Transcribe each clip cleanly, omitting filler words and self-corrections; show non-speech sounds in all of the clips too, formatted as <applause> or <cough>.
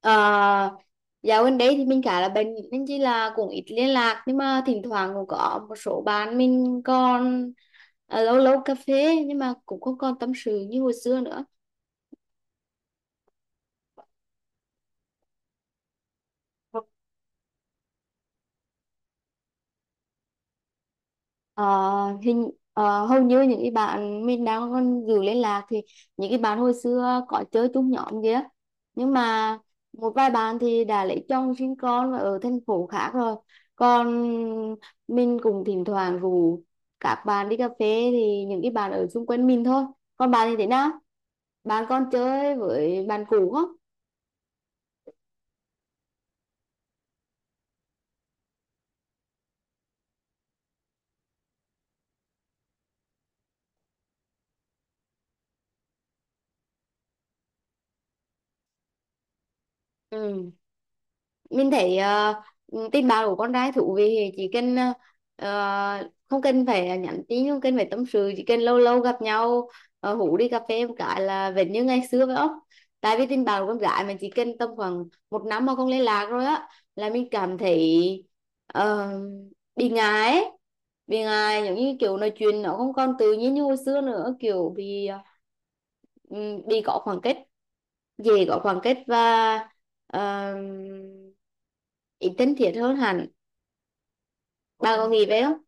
Ờ, Dạo gần đây thì mình khá là bận, nên chỉ là cũng ít liên lạc, nhưng mà thỉnh thoảng cũng có một số bạn mình còn lâu lâu cà phê, nhưng mà cũng không còn tâm sự như hồi xưa nữa. Ờ, Hầu như những cái bạn mình đang còn giữ liên lạc thì những cái bạn hồi xưa có chơi chung nhóm kia, nhưng mà một vài bạn thì đã lấy chồng sinh con và ở thành phố khác rồi. Còn mình cũng thỉnh thoảng rủ các bạn đi cà phê thì những cái bạn ở xung quanh mình thôi. Còn bạn thì thế nào, bạn còn chơi với bạn cũ không? Ừ, mình thấy tin báo của con trai thú vị thì chỉ cần không cần phải nhắn tin, không cần phải tâm sự, chỉ cần lâu lâu gặp nhau, hú đi cà phê một cái là vẫn như ngày xưa phải không. Tại vì tin báo của con gái mình chỉ cần tầm khoảng một năm mà không liên lạc rồi á là mình cảm thấy ờ, bị ngại ấy. Bị ngại giống như kiểu nói chuyện nó không còn tự nhiên như hồi xưa nữa, kiểu bị bị có khoảng cách, dễ có khoảng cách và uh, ít thân thiết hơn hẳn. Bà có nghĩ vậy không?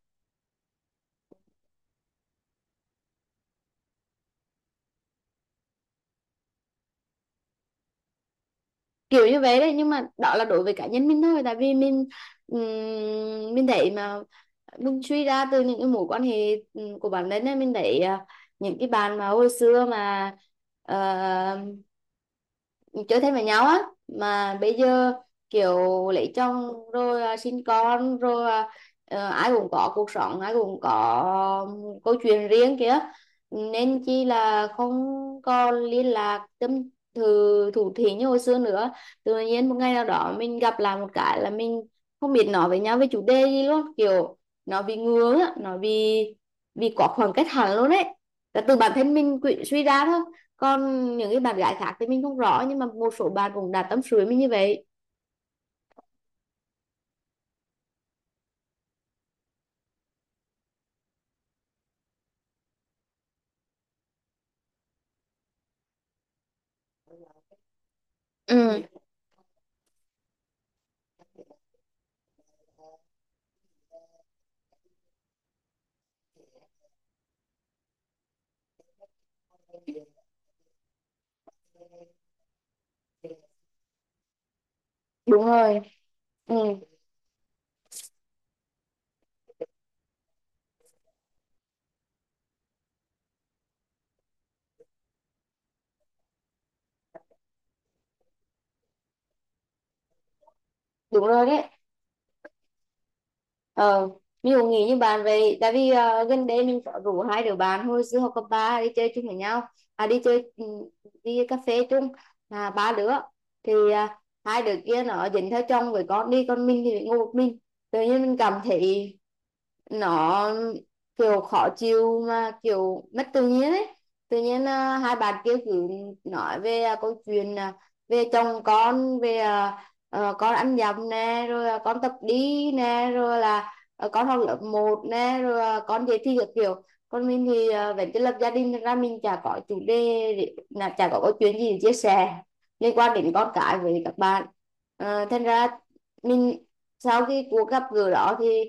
Kiểu như vậy đấy, nhưng mà đó là đối với cá nhân mình thôi. Tại vì mình thấy mà mình suy ra từ những cái mối quan hệ của bản thân ấy, mình thấy những cái bạn mà hồi xưa mà uh, chơi thân với nhau á, mà bây giờ kiểu lấy chồng rồi à, sinh con rồi à, ai cũng có cuộc sống, ai cũng có câu chuyện riêng kìa, nên chi là không còn liên lạc tâm thư thủ thỉ như hồi xưa nữa. Tự nhiên một ngày nào đó mình gặp lại một cái là mình không biết nói với nhau về chủ đề gì luôn, kiểu nó bị ngướng á, nó bị quá khoảng cách hẳn luôn đấy, là từ bản thân mình suy ra thôi. Còn những cái bạn gái khác thì mình không rõ, nhưng mà một số bạn cũng đã tâm sự với mình như vậy. Ừ, đúng rồi. Ừ, đúng rồi đấy. Ờ, mình cũng nghĩ như bạn vậy. Tại vì gần đây mình có rủ hai đứa bạn hồi xưa học cấp ba đi chơi chung với nhau, à đi chơi, đi cà phê chung, là ba đứa. Thì hai đứa kia nó dính theo chồng với con đi, còn mình thì ngồi một mình. Tự nhiên mình cảm thấy nó kiểu khó chịu, mà kiểu mất tự nhiên ấy. Tự nhiên hai bạn kia cứ nói về câu chuyện về chồng con, về con ăn dặm nè, rồi à, con tập đi nè, rồi là ờ, con học lớp một nè, rồi à, con dạy thi các kiểu. Còn mình thì vẫn chưa lập gia đình, thật ra mình chả có chủ đề là chả có câu chuyện gì để chia sẻ liên quan đến con cái với các bạn. Ờ, thành ra mình sau cái cuộc gặp gỡ đó thì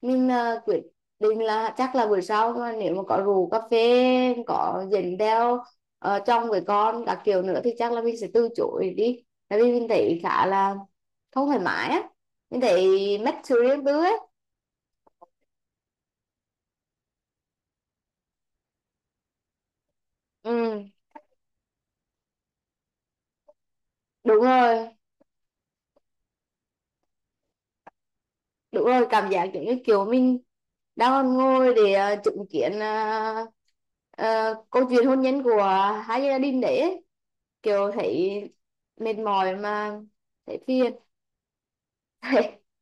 mình quyết định là chắc là buổi sau mà nếu mà có rượu cà phê có dẫn theo chồng với con các kiểu nữa thì chắc là mình sẽ từ chối đi. Tại vì mình thấy khá là không thoải mái á, mình thấy mất sự riêng tư ấy. Ừ, đúng rồi. Đúng rồi, cảm giác giống như kiểu mình đang còn ngồi để chứng kiến câu chuyện hôn nhân của hai gia đình đấy ấy. Kiểu thấy mệt mỏi, mà thấy phiền. <laughs>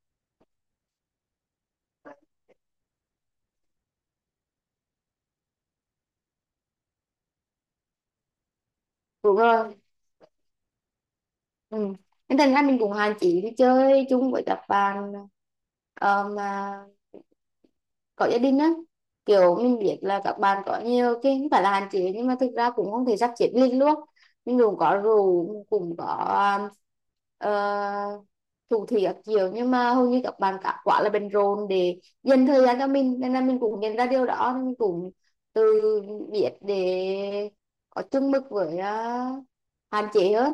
Đúng rồi. Ừ. Nên thành ra mình cũng hạn chế đi chơi chung với các bạn mà có gia đình á. Kiểu mình biết là các bạn có nhiều cái không phải là hạn chế, nhưng mà thực ra cũng không thể sắp xếp liền luôn. Mình cũng có rượu, cũng có uh, thủ thị các kiểu, nhưng mà hầu như các bạn cả quá là bận rộn để dành thời gian cho mình, nên là mình cũng nhận ra điều đó, nên mình cũng tự biết để có chung mực với, hạn chế hơn.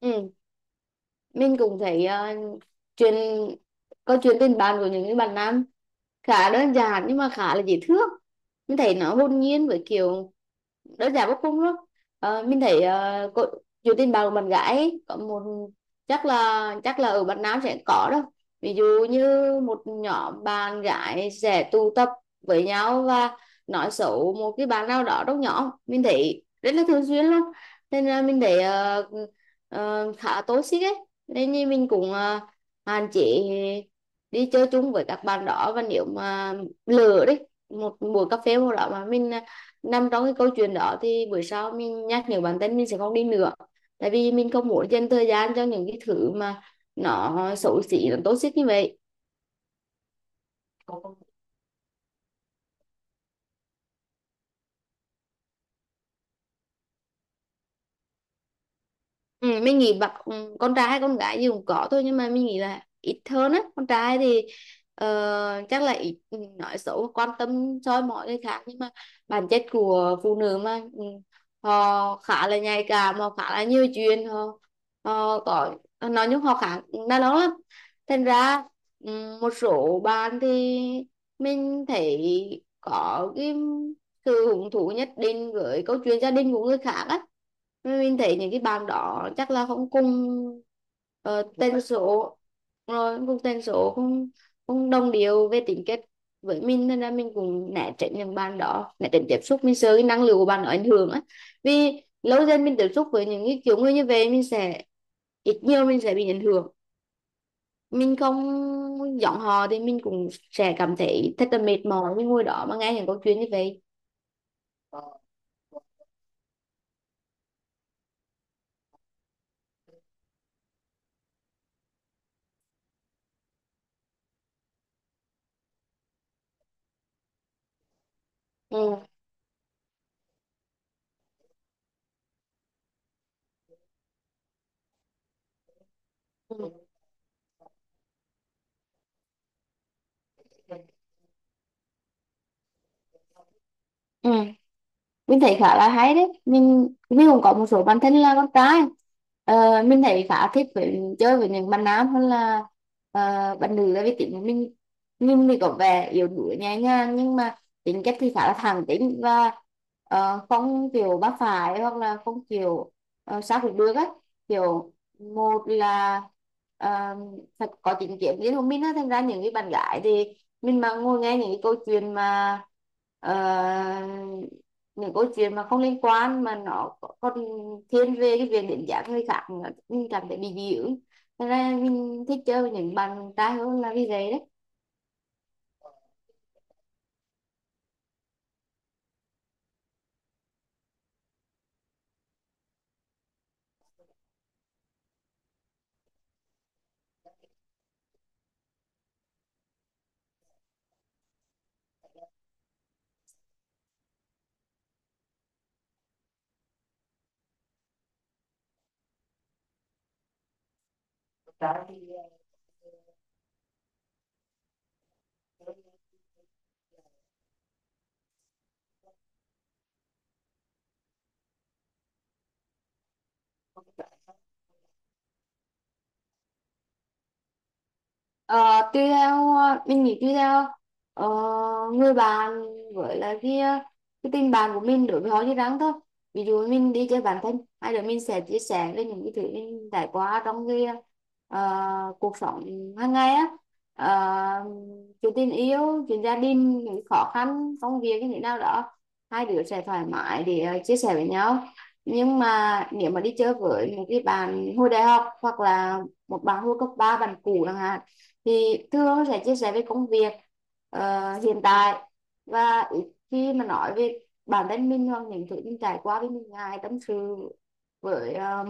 Ừ, mình cũng thấy ờ, chuyện câu chuyện tình bạn của những cái bạn nam khá đơn giản, nhưng mà khá là dễ thương. Mình thấy nó hồn nhiên với kiểu đơn giản vô cùng luôn. Ờ, mình thấy dù tin bạn của bạn gái ấy, có một, chắc là ở Việt Nam sẽ có đâu, ví dụ như một nhóm bạn gái sẽ tụ tập với nhau và nói xấu một cái bạn nào đó trong nhóm, mình thấy rất là thường xuyên luôn. Nên là mình thấy khá toxic ấy, nên như mình cũng hạn chế đi chơi chung với các bạn đó, và nếu mà lỡ đấy một buổi cà phê một đó mà mình nằm trong cái câu chuyện đó thì buổi sau mình nhắc nhở bản thân mình sẽ không đi nữa. Tại vì mình không muốn dành thời gian cho những cái thứ mà nó xấu xí, nó toxic như vậy. Ừ, mình nghĩ bạn con trai hay con gái gì cũng có thôi, nhưng mà mình nghĩ là ít hơn á. Con trai thì chắc là ít nói xấu, quan tâm soi mói người khác. Nhưng mà bản chất của phụ nữ mà họ khá là nhạy cảm, họ khá là nhiều chuyện, họ có, nói chung họ khá đa đó lắm. Thành ra một số bạn thì mình thấy có cái sự hứng thú nhất định với câu chuyện gia đình của người khác á. Mình thấy những cái bạn đó chắc là không cùng tần số, rồi không cùng tên số, không không đồng điệu về tính cách với mình, nên là mình cũng né tránh những bạn đó, né tránh tiếp xúc, mình sợ cái năng lượng của bạn đó ảnh hưởng á. Vì lâu dần mình tiếp xúc với những cái kiểu người như vậy mình sẽ ít nhiều mình sẽ bị ảnh hưởng. Mình không giọng hò thì mình cũng sẽ cảm thấy thật là mệt mỏi với ngôi đó mà nghe những câu chuyện như vậy. Ừ. Ừ. Ừ, mình thấy khá là hay đấy, mình cũng có một số bạn thân là con trai. Ờ, mình thấy khá thích với chơi với những bạn nam hơn là ờ, bạn nữ. Tại vì tính của mình thì có vẻ yếu đuối nhẹ nhàng, nhưng mà tính cách thì khá là thẳng tính và không kiểu bác phải, hoặc là không kiểu sao cũng được á. Kiểu một là ờ, phải có chính kiến riêng của mình á. Thành ra những cái bạn gái thì mình mà ngồi nghe những cái câu chuyện mà ờ, những câu chuyện mà không liên quan, mà nó còn thiên về cái việc đến giảm người khác nữa, mình cảm thấy bị dị ứng. Thế nên là mình thích chơi với những bạn trai hơn là vì vậy đấy. Ờ, mình nghĩ tuy theo ờ, người bạn với là cái tình bạn của mình đối với họ như rắn thôi. Ví dụ mình đi chơi bản thân hai đứa, mình sẽ chia sẻ về những cái thứ mình trải qua trong cái cuộc sống hàng ngày á. Ờ, chuyện tình yêu, chuyện gia đình, những khó khăn công việc như thế nào đó, hai đứa sẽ thoải mái để chia sẻ với nhau. Nhưng mà nếu mà đi chơi với một cái bạn hồi đại học, hoặc là một bạn hồi cấp ba, bạn cũ chẳng hạn, thì thường sẽ chia sẻ về công việc hiện tại, và ít khi mà nói về bản thân mình hoặc những thứ mình trải qua. Với mình ngại tâm sự với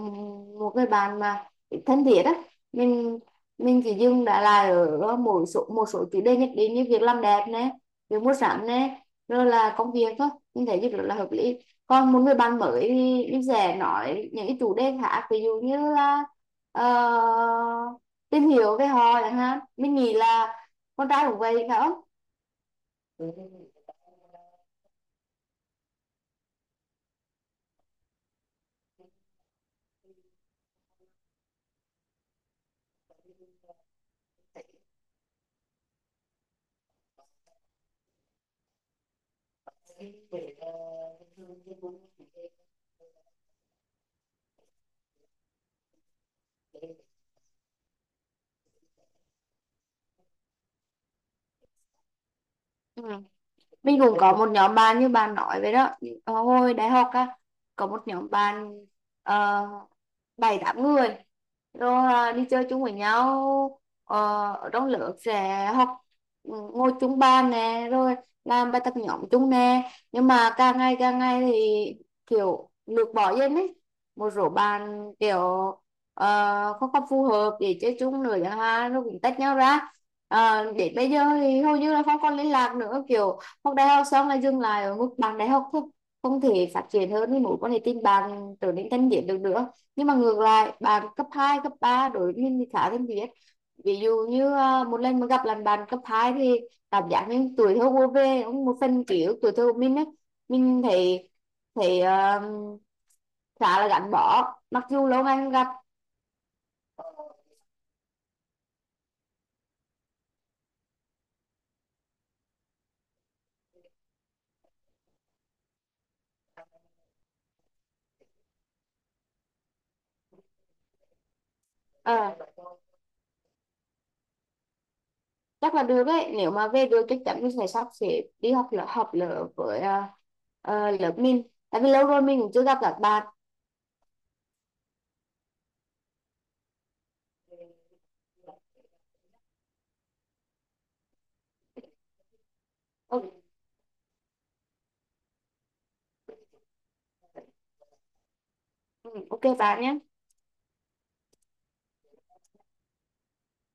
một người bạn mà ít thân thiết á. mình mình chỉ dừng đã lại ở một số chủ đề nhất định, như việc làm đẹp nè, việc mua sắm nè, rồi là công việc thôi. Mình thấy rất là hợp lý. Còn một người bạn mới thì mình sẽ nói những cái chủ đề khác, ví dụ như là ờ, tìm hiểu về họ chẳng hạn. Mình nghĩ là con trai cũng vậy phải không. Ừ. Mình cũng có một nhóm bạn như bạn nói vậy đó. Ờ, hồi đại học á có một nhóm bạn ờ, bảy tám người, rồi à, đi chơi chung với nhau. Ờ, ở trong lớp sẽ học, ừ, ngồi chung bàn nè, rồi làm bài tập nhóm chung nè. Nhưng mà càng ngày thì kiểu lược bỏ dần ấy. Một số bạn kiểu không còn phù hợp để chơi chung nữa chẳng hạn, rồi cũng tách nhau ra. Ờ, để bây giờ thì hầu như là không còn liên lạc nữa. Kiểu học đại học xong là dừng lại ở mức bằng đại học thôi, không thể phát triển hơn thì mối quan hệ tình bạn trở nên thân thiết được nữa. Nhưng mà ngược lại, bạn cấp 2 cấp 3 đối với mình thì khá thân thiết. Ví dụ như một lần mà gặp lại bạn cấp 2 thì cảm giác như tuổi thơ vô về, cũng một phần ký ức tuổi thơ của mình ấy. Mình thấy thấy à, khá là gắn bó mặc dù lâu ngày không gặp. Ờ, chắc là được đấy, nếu mà về được chắc chắn mình sẽ sắp xếp đi học lớp với lớp mình. Tại vì lâu rồi mình cũng chưa gặp các bạn. OK. Ừ, OK bạn nhé.